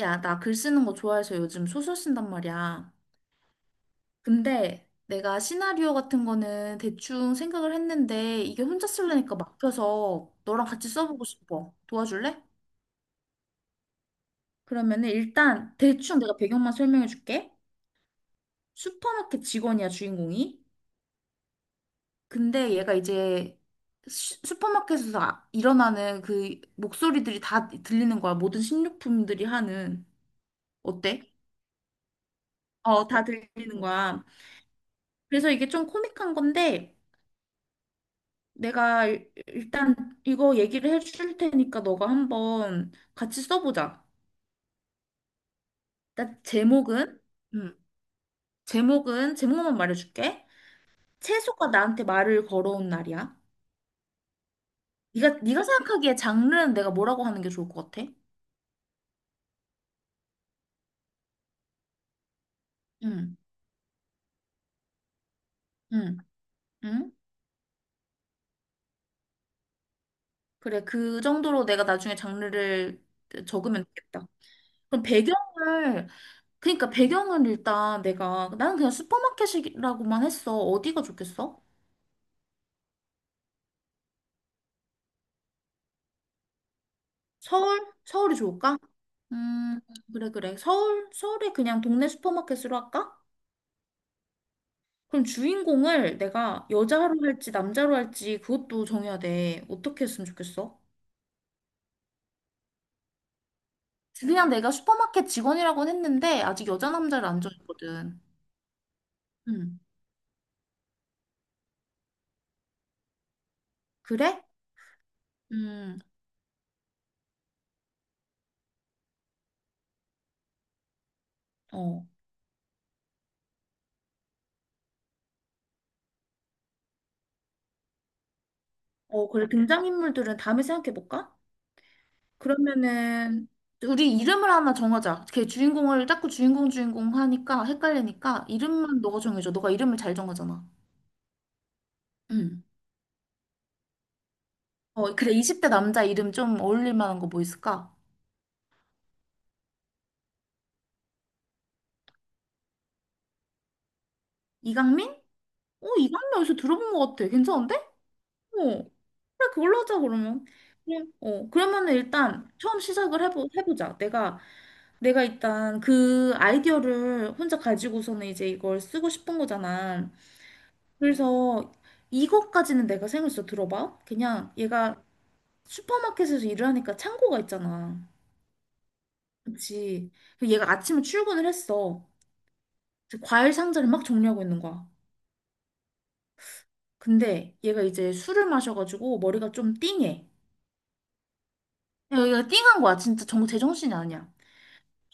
야, 나 글 쓰는 거 좋아해서 요즘 소설 쓴단 말이야. 근데 내가 시나리오 같은 거는 대충 생각을 했는데 이게 혼자 쓰려니까 막혀서 너랑 같이 써보고 싶어. 도와줄래? 그러면은 일단 대충 내가 배경만 설명해 줄게. 슈퍼마켓 직원이야, 주인공이. 근데 얘가 이제 슈퍼마켓에서 일어나는 그 목소리들이 다 들리는 거야. 모든 식료품들이 하는. 어때? 어, 다 들리는 거야. 그래서 이게 좀 코믹한 건데 내가 일단 이거 얘기를 해줄 테니까 너가 한번 같이 써보자. 나 제목은, 음, 제목은 제목만 말해줄게. 채소가 나한테 말을 걸어온 날이야. 네가 생각하기에 장르는 내가 뭐라고 하는 게 좋을 것 같아? 응, 응, 응. 그래, 그 정도로 내가 나중에 장르를 적으면 되겠다. 그럼 배경을, 그러니까 배경을 일단 내가 나는 그냥 슈퍼마켓이라고만 했어. 어디가 좋겠어? 서울? 서울이 좋을까? 음, 그래, 그래. 서울? 서울에 그냥 동네 슈퍼마켓으로 할까? 그럼 주인공을 내가 여자로 할지 남자로 할지 그것도 정해야 돼. 어떻게 했으면 좋겠어? 그냥 내가 슈퍼마켓 직원이라고는 했는데 아직 여자 남자를 안 정했거든. 음, 그래? 음, 어. 어, 그래. 등장인물들은 다음에 생각해볼까? 그러면은, 우리 이름을 하나 정하자. 걔 주인공을 자꾸 주인공 주인공 하니까 헷갈리니까 이름만 너가 정해줘. 너가 이름을 잘 정하잖아. 응. 어, 그래, 20대 남자 이름 좀 어울릴 만한 거 뭐 있을까? 이강민? 어, 이강민 어디서 들어본 것 같아. 괜찮은데? 어. 그래, 그걸로 하자, 그러면. 그럼, 어, 그러면은 일단 처음 시작을 해보자. 내가, 내가 일단 그 아이디어를 혼자 가지고서는 이제 이걸 쓰고 싶은 거잖아. 그래서 이것까지는 내가 생각했어. 들어봐. 그냥 얘가 슈퍼마켓에서 일을 하니까 창고가 있잖아. 그치. 그리고 얘가 아침에 출근을 했어. 과일 상자를 막 정리하고 있는 거야. 근데 얘가 이제 술을 마셔가지고 머리가 좀 띵해. 얘가 띵한 거야. 진짜 제정신이 아니야.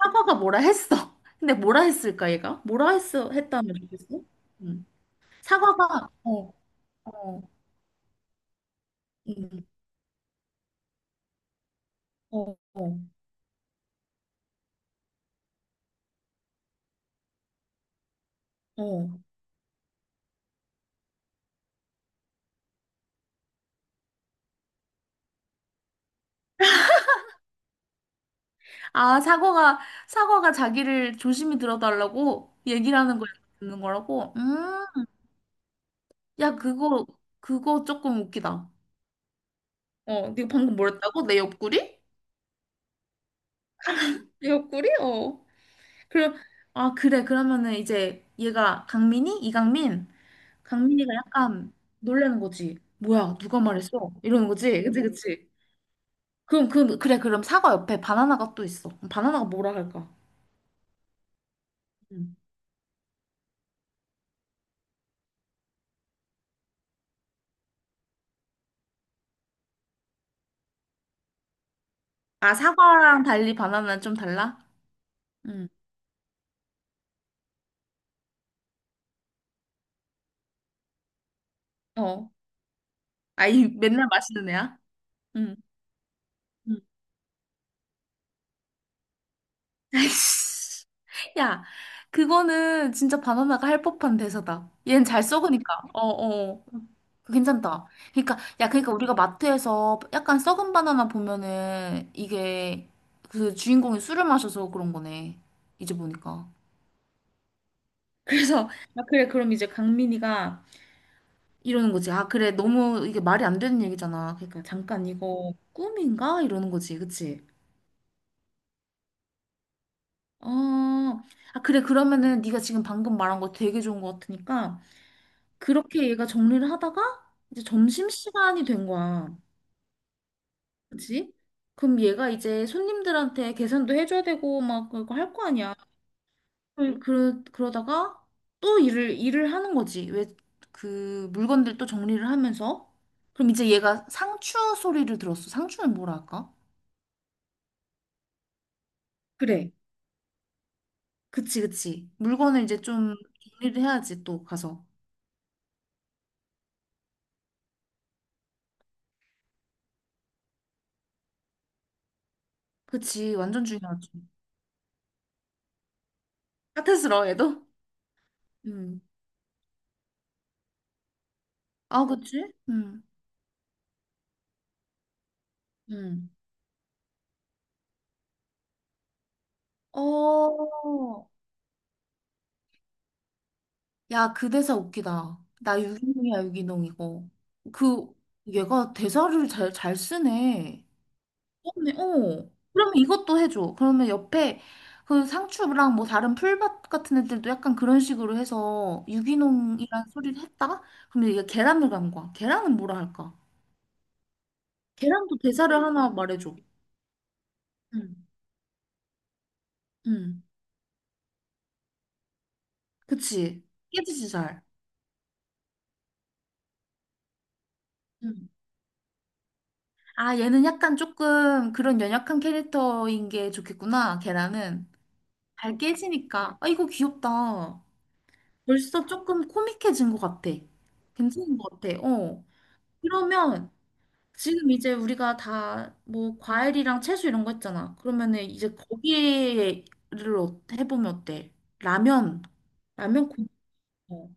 사과가 뭐라 했어. 근데 뭐라 했을까, 얘가? 뭐라 했어, 했다면 좋겠어? 음. 사과가, 어, 어, 음, 어, 어, 어. 아, 사과가, 사과가 자기를 조심히 들어달라고 얘기를 하는 걸 듣는 거라고? 야, 그거, 그거 조금 웃기다. 어, 네가 방금 뭐랬다고? 내 옆구리? 내 옆구리? 어. 그래, 아, 그래. 그러면은 이제 얘가 강민이? 이강민? 강민이가 약간 놀라는 거지. 뭐야, 누가 말했어? 이러는 거지. 그치, 그치. 그럼, 그, 그래. 그럼 사과 옆에 바나나가 또 있어. 그럼 바나나가 뭐라 할까? 음. 아, 사과랑 달리 바나나는 좀 달라? 응. 어. 아이, 맨날 마시는 애야? 응. 응. 아이씨. 야, 그거는 진짜 바나나가 할 법한 대사다. 얘는 잘 썩으니까. 어, 어. 그거 괜찮다. 그러니까 야, 그러니까 우리가 마트에서 약간 썩은 바나나 보면은 이게 그 주인공이 술을 마셔서 그런 거네. 이제 보니까. 그래서 아 그래 그럼 이제 강민이가 이러는 거지. 아 그래 너무 이게 말이 안 되는 얘기잖아. 그러니까 잠깐 이거 꿈인가 이러는 거지. 그치? 어. 아 그래 그러면은 네가 지금 방금 말한 거 되게 좋은 거 같으니까 그렇게 얘가 정리를 하다가 이제 점심시간이 된 거야. 그치? 그럼 얘가 이제 손님들한테 계산도 해줘야 되고 막 그거 할 거 아니야. 그, 그러다가 또 일을 하는 거지. 왜 그 물건들 또 정리를 하면서. 그럼 이제 얘가 상추 소리를 들었어. 상추는 뭐라 할까? 그래. 그치, 그치. 물건을 이제 좀 정리를 해야지 또 가서. 그치, 완전 중요하지. 까탈스러워, 얘도? 음. 아, 그치? 음. 음. 어, 야, 그 대사 웃기다. 나 유기농이야, 유기농 이거. 그, 얘가 대사를 잘 쓰네. 그러네, 어. 그러면 이것도 해줘. 그러면 옆에 그 상추랑 뭐 다른 풀밭 같은 애들도 약간 그런 식으로 해서 유기농이라는 소리를 했다가, 그러면 얘가 계란을 간 거야. 계란은 뭐라 할까? 계란도 대사를 하나 말해줘. 응, 응. 그치. 깨지지 잘. 응. 아, 얘는 약간 조금 그런 연약한 캐릭터인 게 좋겠구나, 걔랑은. 잘 깨지니까. 아, 이거 귀엽다. 벌써 조금 코믹해진 것 같아. 괜찮은 것 같아. 어. 그러면 지금 이제 우리가 다 뭐 과일이랑 채소 이런 거 했잖아. 그러면은 이제 거기를 해보면 어때? 라면. 라면 국. 어.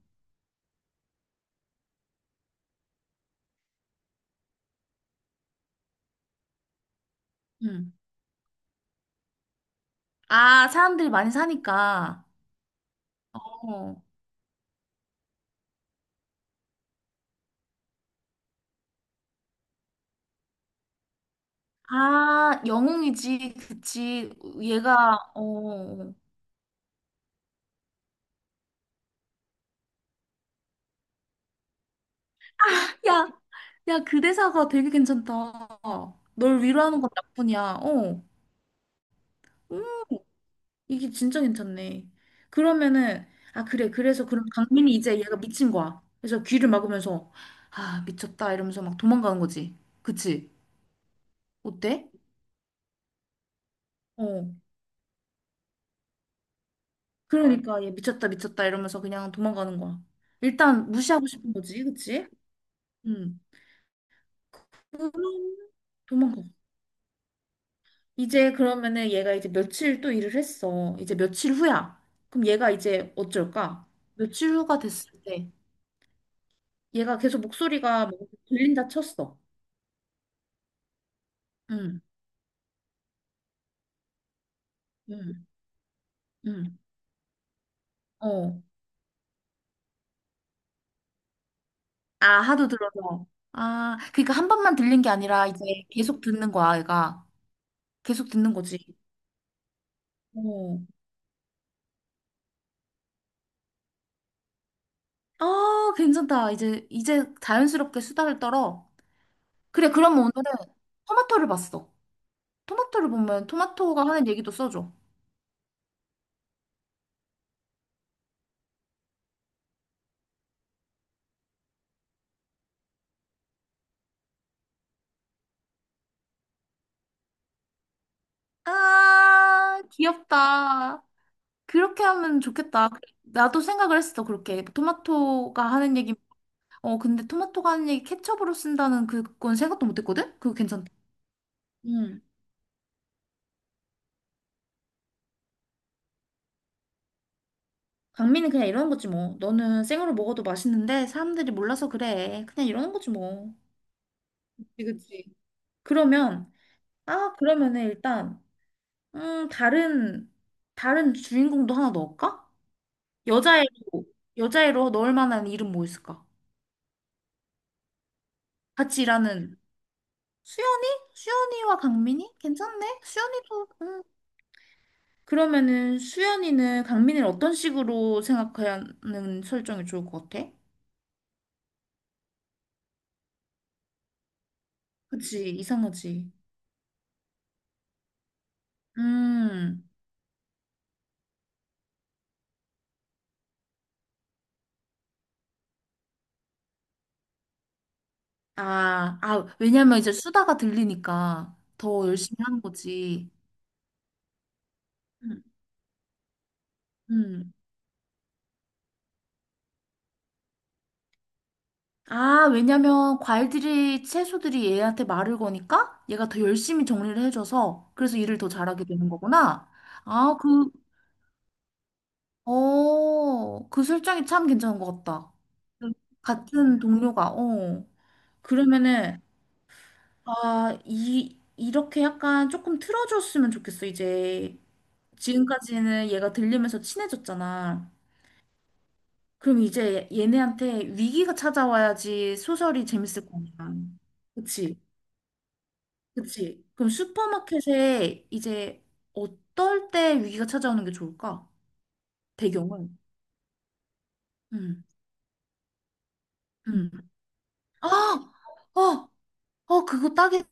응. 아, 사람들이 많이 사니까. 어. 아, 영웅이지. 그치. 얘가, 어. 어, 어. 야, 야, 그 대사가 되게 괜찮다. 널 위로하는 건 나뿐이야. 어, 음, 이게 진짜 괜찮네. 그러면은, 아, 그래. 그래서 그럼 강민이 이제 얘가 미친 거야. 그래서 귀를 막으면서, 아, 미쳤다. 이러면서 막 도망가는 거지. 그치? 어때? 어. 그러니까 얘 미쳤다, 미쳤다. 이러면서 그냥 도망가는 거야. 일단 무시하고 싶은 거지. 그치? 응. 그럼 도망가. 이제 그러면은 얘가 이제 며칠 또 일을 했어. 이제 며칠 후야. 그럼 얘가 이제 어쩔까? 며칠 후가 됐을 때 얘가 계속 목소리가 막 들린다 쳤어. 응, 응, 응. 어. 아, 하도 들어서. 아, 그러니까 한 번만 들린 게 아니라 이제 계속 듣는 거야, 얘가. 계속 듣는 거지. 어. 아, 괜찮다. 이제, 이제 자연스럽게 수다를 떨어. 그래, 그럼 오늘은 토마토를 봤어. 토마토를 보면 토마토가 하는 얘기도 써줘. 아, 귀엽다. 그렇게 하면 좋겠다. 나도 생각을 했어, 그렇게. 토마토가 하는 얘기, 어, 근데 토마토가 하는 얘기 케첩으로 쓴다는 그건 생각도 못 했거든? 그거 괜찮다. 응. 강미는 그냥 이러는 거지, 뭐. 너는 생으로 먹어도 맛있는데 사람들이 몰라서 그래. 그냥 이러는 거지, 뭐. 그치, 그치. 그러면, 아, 그러면은 일단, 다른, 다른 주인공도 하나 넣을까? 여자애로, 여자애로 넣을 만한 이름 뭐 있을까? 같이 일하는. 수연이? 수연이와 강민이? 괜찮네. 수연이도 그러면은 수연이는 강민이를 어떤 식으로 생각하는 설정이 좋을 것 같아? 그치, 이상하지. 음. 아, 아, 왜냐면 이제 수다가 들리니까 더 열심히 하는 거지. 음. 음. 아, 왜냐면 과일들이, 채소들이 얘한테 말을 거니까 얘가 더 열심히 정리를 해줘서 그래서 일을 더 잘하게 되는 거구나. 아, 그, 어, 그 술장이 참 괜찮은 것 같다. 음. 같은 동료가, 어. 그러면은, 아, 이, 이렇게 약간 조금 틀어줬으면 좋겠어, 이제. 지금까지는 얘가 들리면서 친해졌잖아. 그럼 이제 얘네한테 위기가 찾아와야지 소설이 재밌을 거 아니야. 그치? 그치? 그럼 슈퍼마켓에 이제 어떨 때 위기가 찾아오는 게 좋을까? 배경을. 응, 응. 아! 어! 어, 그거 딱이다.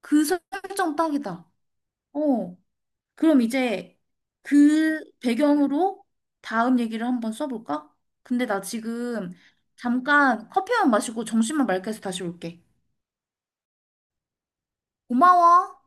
그 설정 딱이다. 어. 그럼 이제 그 배경으로 다음 얘기를 한번 써볼까? 근데 나 지금 잠깐 커피만 마시고 정신만 맑게 해서 다시 올게. 고마워.